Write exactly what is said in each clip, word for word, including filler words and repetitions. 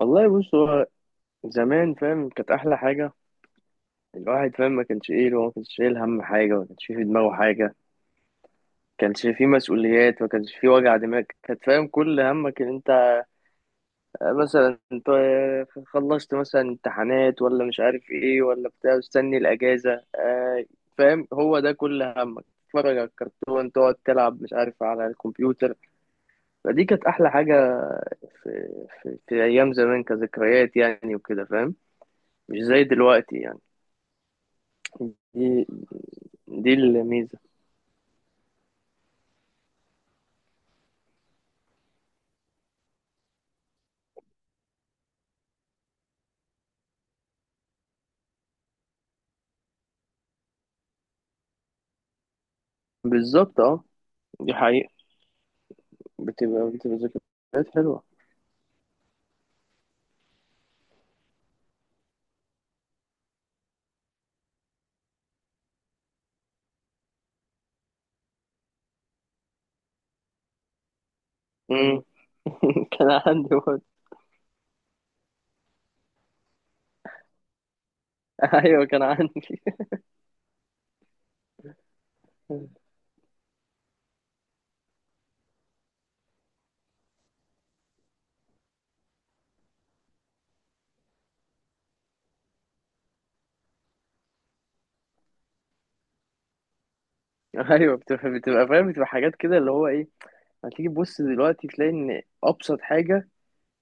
والله بص، هو زمان فاهم؟ كانت احلى حاجه. الواحد فاهم ما كانش ايه، هو ما كانش شايل هم حاجه، ما كانش في دماغه حاجه، ما كانش في مسؤوليات، ما كانش في وجع دماغ. كانت فاهم كل همك ان انت مثلا انت خلصت مثلا امتحانات ولا مش عارف ايه ولا بتاع، مستني الاجازه. آه، فاهم، هو ده كل همك، تتفرج على الكرتون، تقعد تلعب مش عارف على الكمبيوتر. فدي كانت احلى حاجه في, في, في ايام زمان، كذكريات يعني وكده فاهم، مش زي دلوقتي يعني. دي الميزة. بالظبط، اه. دي حقيقة. بتبقى بتبقى ذكريات حلوة. مم. كان عندي برضه. ايوه كان عندي. ايوه بتبقى بتبقى فاهم، بتبقى حاجات كده اللي هو ايه. هتيجي تبص دلوقتي تلاقي ان ابسط حاجه،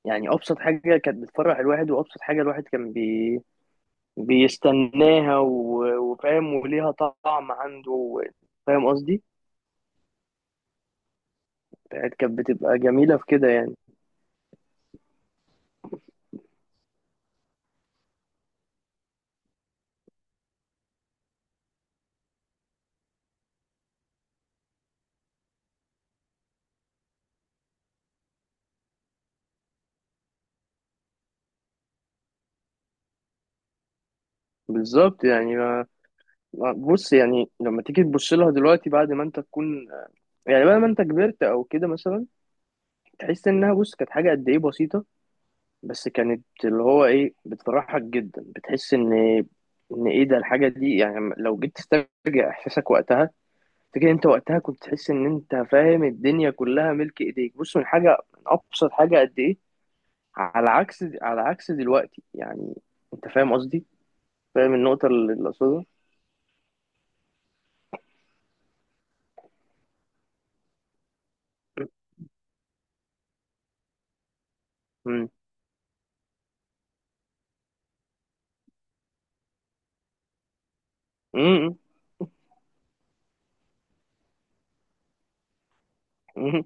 يعني ابسط حاجه كانت بتفرح الواحد، وابسط حاجه الواحد كان بي... بيستناها و... وفاهم وليها طعم عنده و- فاهم قصدي؟ كانت كانت بتبقى جميله في كده يعني. بالظبط يعني. بص، يعني لما تيجي تبص لها دلوقتي بعد ما انت تكون، يعني بعد ما انت كبرت او كده مثلا، تحس انها، بص، كانت حاجه قد ايه بسيطه، بس كانت اللي هو ايه بتفرحك جدا. بتحس ان ان ايه ده الحاجه دي. يعني لو جيت تسترجع احساسك وقتها، فكره، انت وقتها كنت تحس ان انت، فاهم، الدنيا كلها ملك ايديك، بص، من حاجه، من ابسط حاجه قد ايه. على عكس على عكس دلوقتي يعني. انت فاهم قصدي؟ فاهم النقطه اللي اللي اقصدها. امم. امم. امم.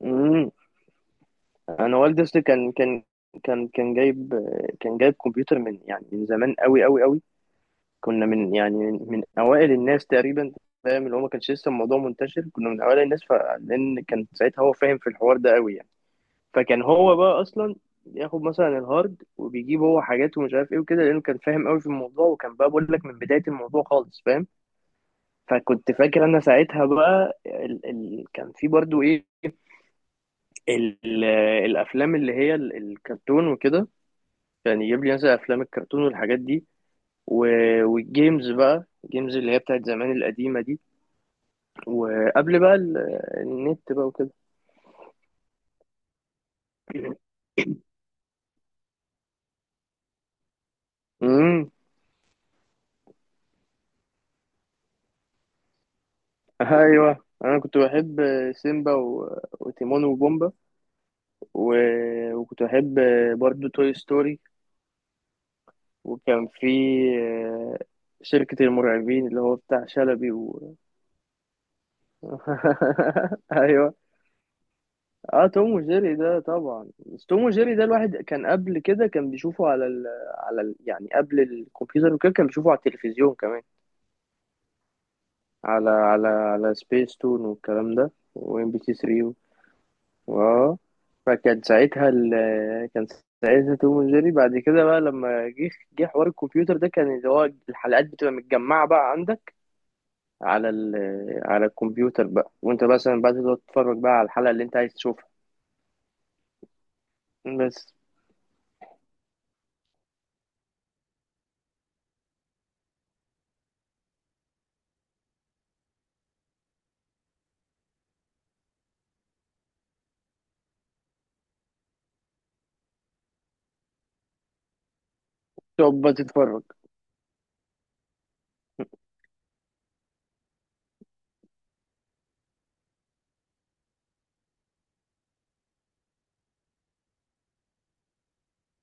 انا والدي اصلي كان كان كان كان جايب، كان جايب كمبيوتر من يعني من زمان قوي قوي قوي. كنا من يعني من, من اوائل الناس تقريبا. فاهم، اللي هو ما كانش لسه الموضوع منتشر. كنا من اوائل الناس. فلان كان ساعتها هو فاهم في الحوار ده قوي يعني. فكان هو بقى اصلا ياخد مثلا الهارد وبيجيب هو حاجات ومش عارف ايه وكده، لانه كان فاهم قوي في الموضوع، وكان بقى، بقول لك من بداية الموضوع خالص، فاهم. فكنت فاكر انا ساعتها بقى ال... ال... كان في برضو ايه، ال... الافلام اللي هي ال- الكرتون وكده. يعني يجيب لي مثلا افلام الكرتون والحاجات دي و... والجيمز بقى، الجيمز اللي هي بتاعت زمان القديمة دي، وقبل بقى ال- النت بقى وكده. امم. ايوه انا كنت بحب سيمبا و... وتيمون وبومبا و... وكنت بحب برضو توي ستوري. وكان في آه، شركة المرعبين، اللي هو بتاع شلبي و... ايوه. اه توم وجيري ده طبعا، بس توم وجيري ده الواحد كان قبل كده كان بيشوفه على ال على ال يعني قبل الكمبيوتر وكده، كان بيشوفه على التلفزيون كمان. على على على سبيس تون والكلام ده، وام بي سي ثري. اه. فكان ساعتها ال كان ساعتها توم وجيري بعد كده بقى لما جه جه حوار الكمبيوتر ده، كان اللي هو الحلقات بتبقى متجمعة بقى عندك على ال على الكمبيوتر بقى، وانت مثلا بقى تقعد تتفرج بقى على الحلقة اللي انت عايز تشوفها. بس تقعد بقى تتفرج.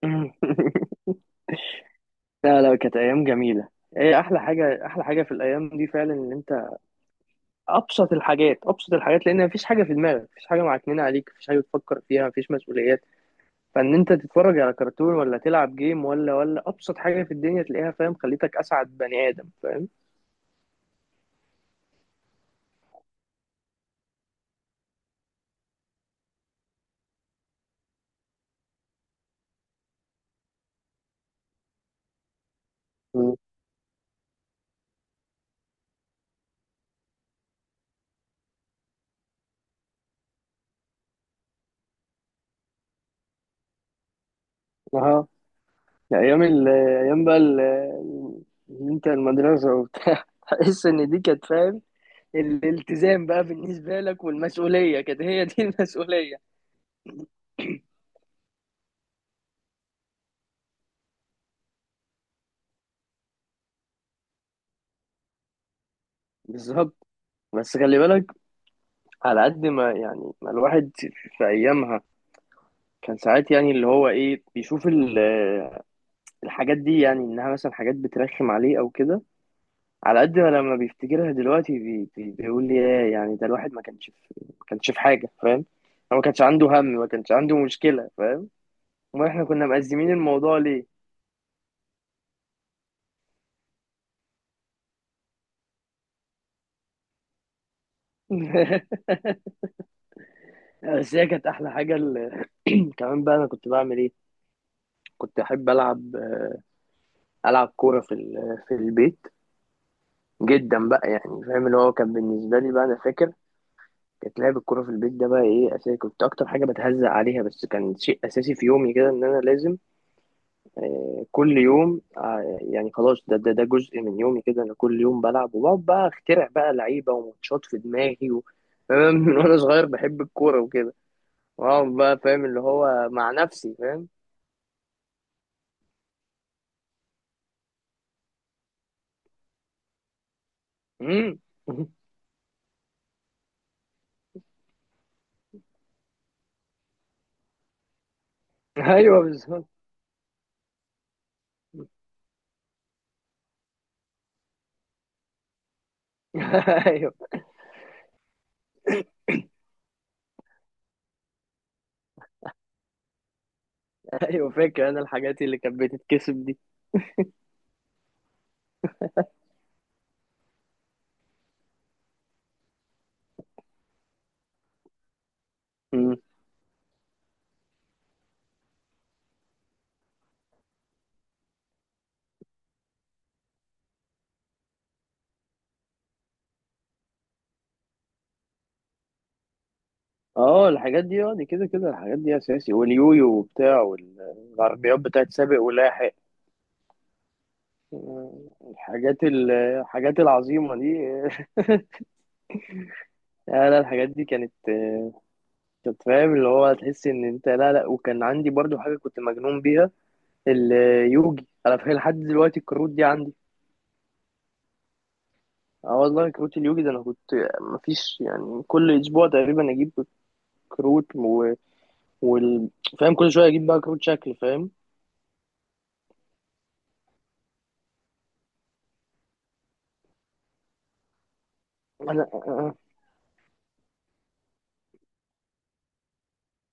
لا لا، كانت ايام جميله. ايه احلى حاجه، احلى حاجه في الايام دي فعلا، ان انت ابسط الحاجات، ابسط الحاجات، لان مفيش حاجه في دماغك، مفيش حاجه معكنينه عليك، مفيش حاجه تفكر فيها، مفيش مسؤوليات. فان انت تتفرج على كرتون ولا تلعب جيم ولا ولا ابسط حاجه في الدنيا تلاقيها، فاهم، خليتك اسعد بني ادم، فاهم. مم. اه ايام ال- ايام بقى ال- ال- انت المدرسه وبتاع، تحس ان دي كانت، فاهم، الالتزام بقى بالنسبه لك، والمسؤوليه كانت هي دي المسؤوليه. بالظبط. بس خلي بالك، على قد ما يعني ما الواحد في ايامها كان ساعات يعني اللي هو ايه بيشوف ال- الحاجات دي، يعني انها مثلا حاجات بترخم عليه او كده، على قد ما لما بيفتكرها دلوقتي بي بي بيقول لي ايه يعني ده، الواحد ما كانش في، ما كانش في حاجه، فاهم. هو ما كانش عنده هم، ما كانش عنده مشكله، فاهم. ما احنا كنا مقزمين الموضوع ليه. بس هي كانت احلى حاجه ال- كمان بقى انا كنت بعمل ايه، كنت احب العب، العب كوره في ال- في البيت جدا بقى، يعني فاهم اللي هو كان بالنسبه لي بقى، انا فاكر، كانت لعب الكوره في البيت ده بقى ايه اساسي. كنت اكتر حاجه بتهزق عليها، بس كان شيء اساسي في يومي كده، ان انا لازم آه كل يوم آه يعني، خلاص ده ده ده جزء من يومي كده، انا كل يوم بلعب وبقعد بقى اخترع بقى لعيبه وماتشات في دماغي و... فاهم؟ من وانا صغير بحب الكوره وكده، واقعد بقى فاهم اللي هو مع نفسي، فاهم. امم. ايوه بالظبط. ايوه ايوه فاكر انا الحاجات اللي كانت بتتكسب دي. اه الحاجات دي، اه دي كده كده الحاجات دي اساسي، واليويو وبتاع، والعربيات بتاعت سابق ولاحق، الحاجات ال- الحاجات العظيمه دي. لا لا، الحاجات دي كانت، كنت فاهم اللي هو تحس ان انت، لا لا، وكان عندي برضو حاجه كنت مجنون بيها، اليوجي. انا فاكر لحد دلوقتي الكروت دي عندي. اه والله، كروت اليوجي ده انا كنت، مفيش يعني كل اسبوع تقريبا اجيب كروت و... وال... فاهم، كل شويه اجيب بقى كروت شكل، فاهم. انا،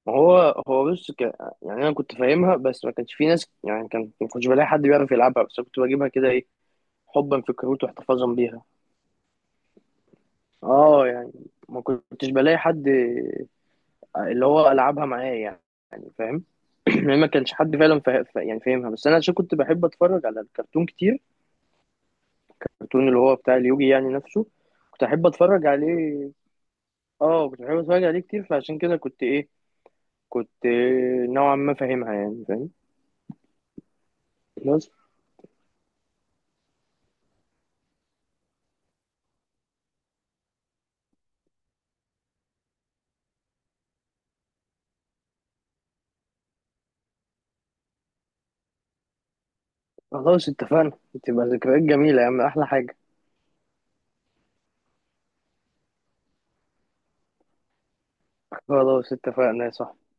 ما هو هو بص ك... يعني انا كنت فاهمها، بس ما كانش في ناس، يعني كان ما كنتش بلاقي حد بيعرف يلعبها، بس كنت بجيبها كده ايه، حبا في الكروت واحتفاظا بيها. اه يعني ما كنتش بلاقي حد اللي هو العبها معايا يعني، فاهم. يعني ما كانش حد فعلا فا... فا- يعني فاهمها، بس انا عشان كنت بحب اتفرج على الكرتون كتير، الكرتون اللي هو بتاع اليوجي يعني نفسه، كنت احب اتفرج عليه. اه كنت بحب اتفرج عليه كتير، فعشان كده كنت ايه، كنت نوعا ما فاهمها، يعني فاهم. بس خلاص اتفقنا، تبقى ذكريات جميلة يا عم، أحلى حاجة. خلاص اتفقنا يا صاحبي.